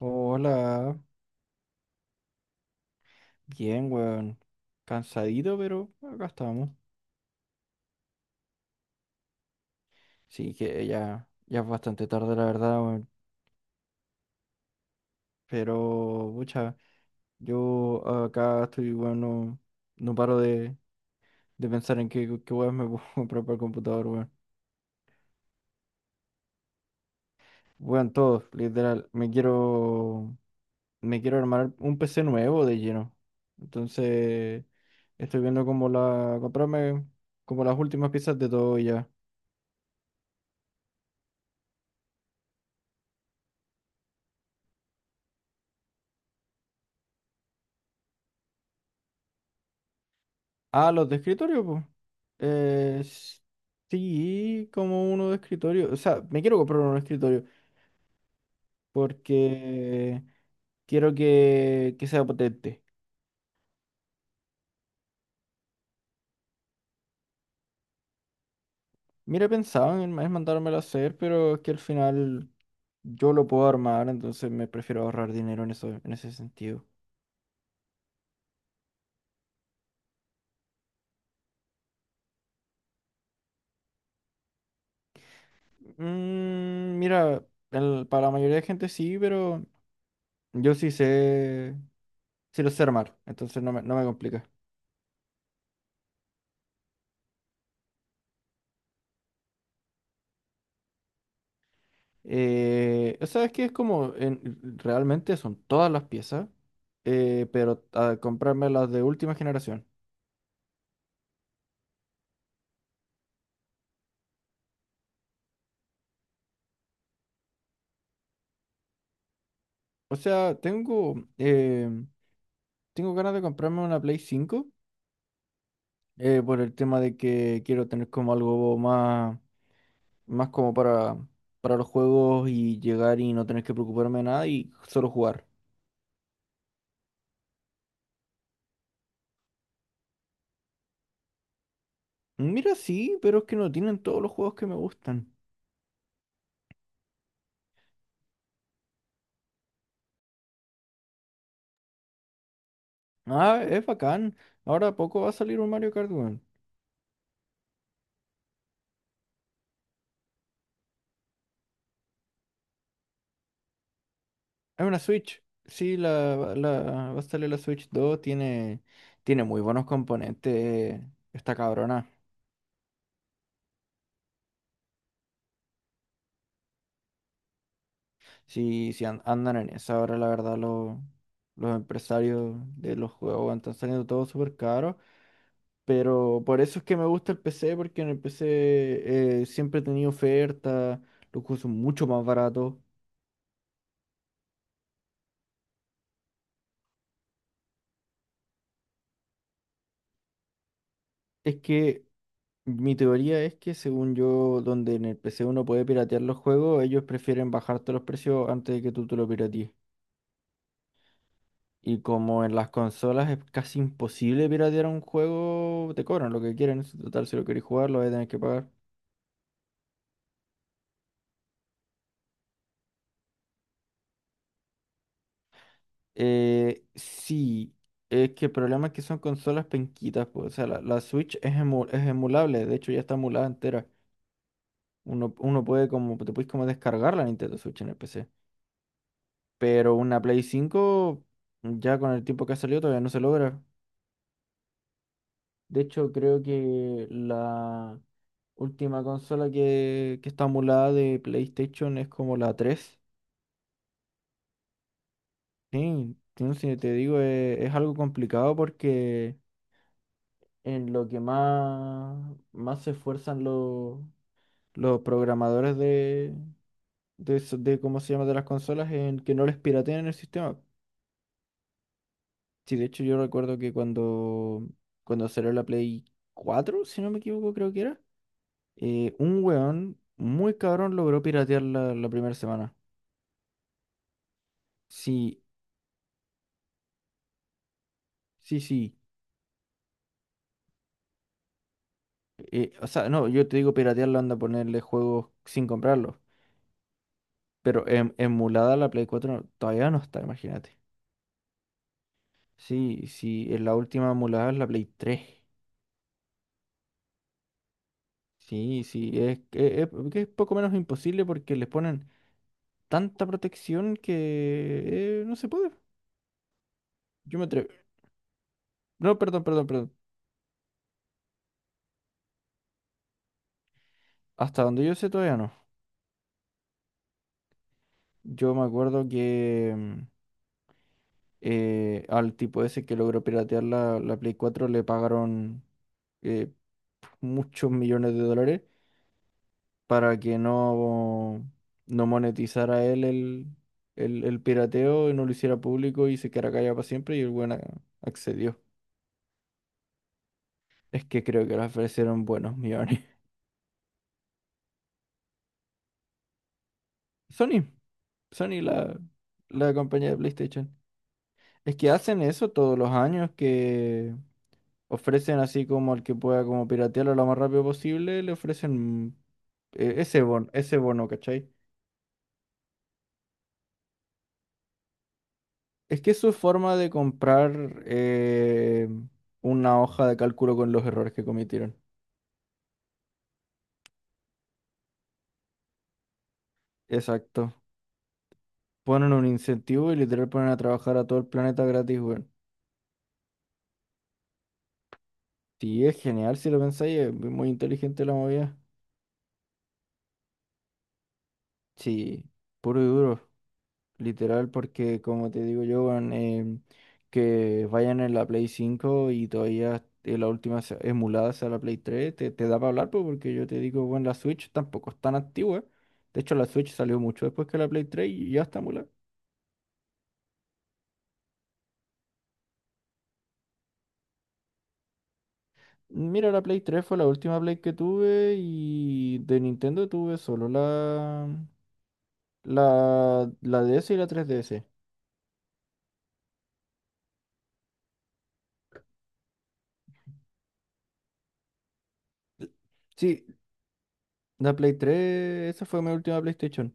Hola, bien, weón. Cansadito, pero acá estamos. Sí, que ya es bastante tarde, la verdad, weón. Pero, pucha, yo acá estoy, weón, no paro de pensar en qué weón me puedo comprar para el computador, weón. Weón, todo, literal. Me quiero armar un PC nuevo de lleno. Entonces, estoy viendo cómo comprarme como las últimas piezas de todo y ya. Ah, los de escritorio, pues. Eh, s- sí, como uno de escritorio. O sea, me quiero comprar uno de escritorio porque quiero que sea potente. Mira, pensaba en mandármelo a hacer, pero es que al final yo lo puedo armar, entonces me prefiero ahorrar dinero en eso, en ese sentido. Mira, para la mayoría de gente sí, pero yo sí sé, sí lo sé armar, entonces no me complica. O sea, es que es como, realmente son todas las piezas, pero a comprarme las de última generación. O sea, tengo ganas de comprarme una Play 5 por el tema de que quiero tener como algo más como para los juegos y llegar y no tener que preocuparme de nada y solo jugar. Mira, sí, pero es que no tienen todos los juegos que me gustan. Ah, es bacán. Ahora a poco va a salir un Mario Kart, weón. Es una Switch. Sí, va a salir la Switch 2. Tiene muy buenos componentes. Esta cabrona. Sí, sí andan en esa ahora, la verdad, los empresarios de los juegos weón, están saliendo todo súper caro. Pero por eso es que me gusta el PC, porque en el PC siempre he tenido ofertas, los juegos son mucho más baratos. Es que mi teoría es que según yo, donde en el PC uno puede piratear los juegos, ellos prefieren bajarte los precios antes de que tú te lo piratees. Y como en las consolas es casi imposible piratear un juego, te cobran lo que quieren. En total, si lo queréis jugar, lo vais a tener que pagar. Sí, es que el problema es que son consolas penquitas, pues, o sea, la Switch es emulable, de hecho ya está emulada entera. Uno puede como, te puedes como descargar la Nintendo Switch en el PC. Pero una Play 5, ya con el tiempo que ha salido, todavía no se logra. De hecho, creo que la última consola que está emulada de PlayStation es como la tres. Sí, sí, si te digo, es algo complicado porque en lo que más se esfuerzan los programadores de cómo se llama de las consolas en que no les pirateen el sistema. Sí, de hecho yo recuerdo que cuando salió la Play 4 si no me equivoco, creo que era. Un weón muy cabrón logró piratear la primera semana. Sí, sí, sí. O sea, no, yo te digo piratearla, anda a ponerle juegos sin comprarlos. Pero emulada la Play 4 todavía no está, imagínate. Sí, sí, en la última emulada es la Play 3. Sí, sí, que es poco menos imposible porque les ponen tanta protección que no se puede. Yo me atrevo. No, perdón, perdón, perdón. Hasta donde yo sé todavía no. Yo me acuerdo que al tipo ese que logró piratear la Play 4 le pagaron eh, muchos millones de dólares para que no monetizara el pirateo y no lo hiciera público y se quedara callado para siempre y el buen accedió. Es que creo que le ofrecieron buenos millones. Sony, Sony, la compañía de PlayStation. Es que hacen eso todos los años que ofrecen así como al que pueda como piratearlo lo más rápido posible, le ofrecen ese bono, ¿cachai? Es que es su forma de comprar una hoja de cálculo con los errores que cometieron. Exacto. Ponen un incentivo y literal ponen a trabajar a todo el planeta gratis, weón. Sí, es genial si lo pensáis, es muy inteligente la movida. Sí, puro y duro. Literal, porque como te digo yo, weón, que vayan en la Play 5 y todavía la última emulada sea la Play 3, te da para hablar, pues, porque yo te digo, bueno, la Switch tampoco es tan antigua. De hecho, la Switch salió mucho después que la Play 3 y ya está emulada. Mira, la Play 3 fue la última Play que tuve y de Nintendo tuve solo la DS y la 3DS. Sí, la Play 3 esa fue mi última PlayStation.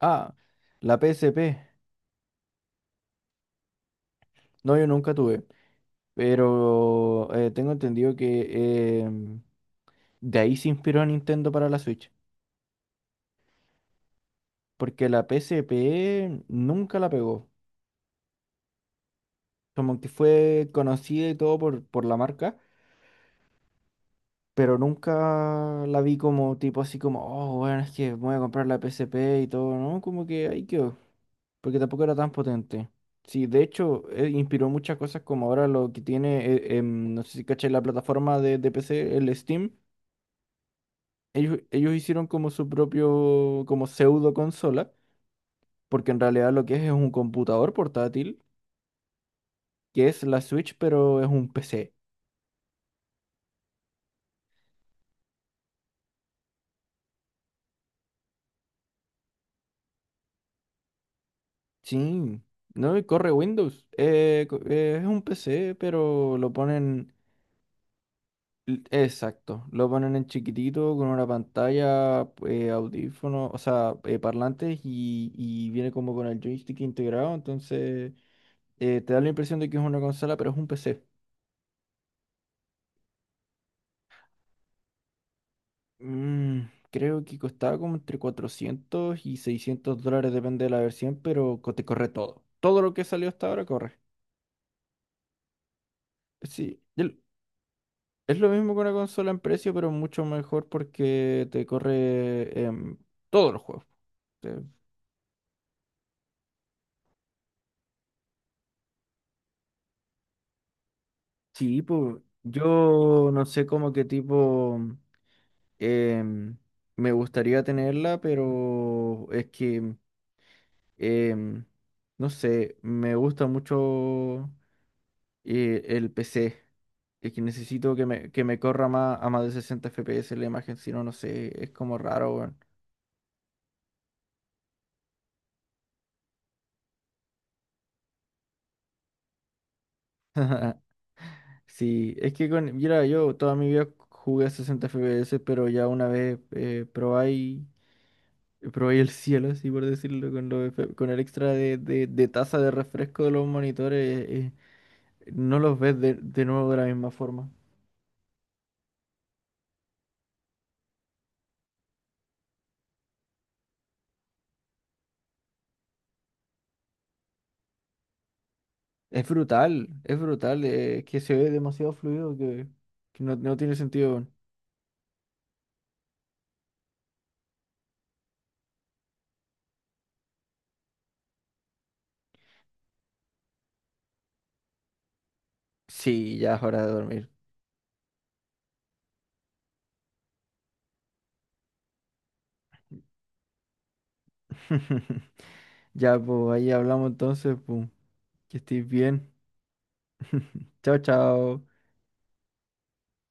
Ah, la PSP. No, yo nunca tuve. Pero tengo entendido que de ahí se inspiró Nintendo para la Switch. Porque la PSP nunca la pegó. Como que fue conocida y todo por la marca. Pero nunca la vi como tipo así como, oh, bueno, es que voy a comprar la PSP y todo, ¿no? Como que ahí quedó. Porque tampoco era tan potente. Sí, de hecho, inspiró muchas cosas como ahora lo que tiene, no sé si caché la plataforma de PC, el Steam. Ellos hicieron como su propio, como pseudo consola, porque en realidad lo que es un computador portátil, que es la Switch, pero es un PC. Sí, no, y corre Windows. Es un PC, pero lo ponen, exacto, lo ponen en chiquitito con una pantalla, audífonos, o sea, parlantes y viene como con el joystick integrado, entonces te da la impresión de que es una consola, pero es un PC. Mm, creo que costaba como entre 400 y $600, depende de la versión, pero te corre todo. Todo lo que salió hasta ahora corre. Sí, es lo mismo que una consola en precio, pero mucho mejor porque te corre todos los juegos. Te- Sí, pues yo no sé cómo qué tipo em, me gustaría tenerla, pero es que em, no sé, me gusta mucho el PC. Es que necesito que me corra más a más de 60 FPS la imagen, si no, no sé, es como raro, weón. Sí, es que con, mira, yo toda mi vida jugué a 60 FPS, pero ya una vez probé el cielo, así por decirlo, con el extra de tasa de refresco de los monitores, no los ves de nuevo de la misma forma. Es brutal, que se ve demasiado fluido que no tiene sentido, weón. Sí, ya es hora de dormir. Ya, pues ahí hablamos entonces, pues. Que estés bien. Chao, chao.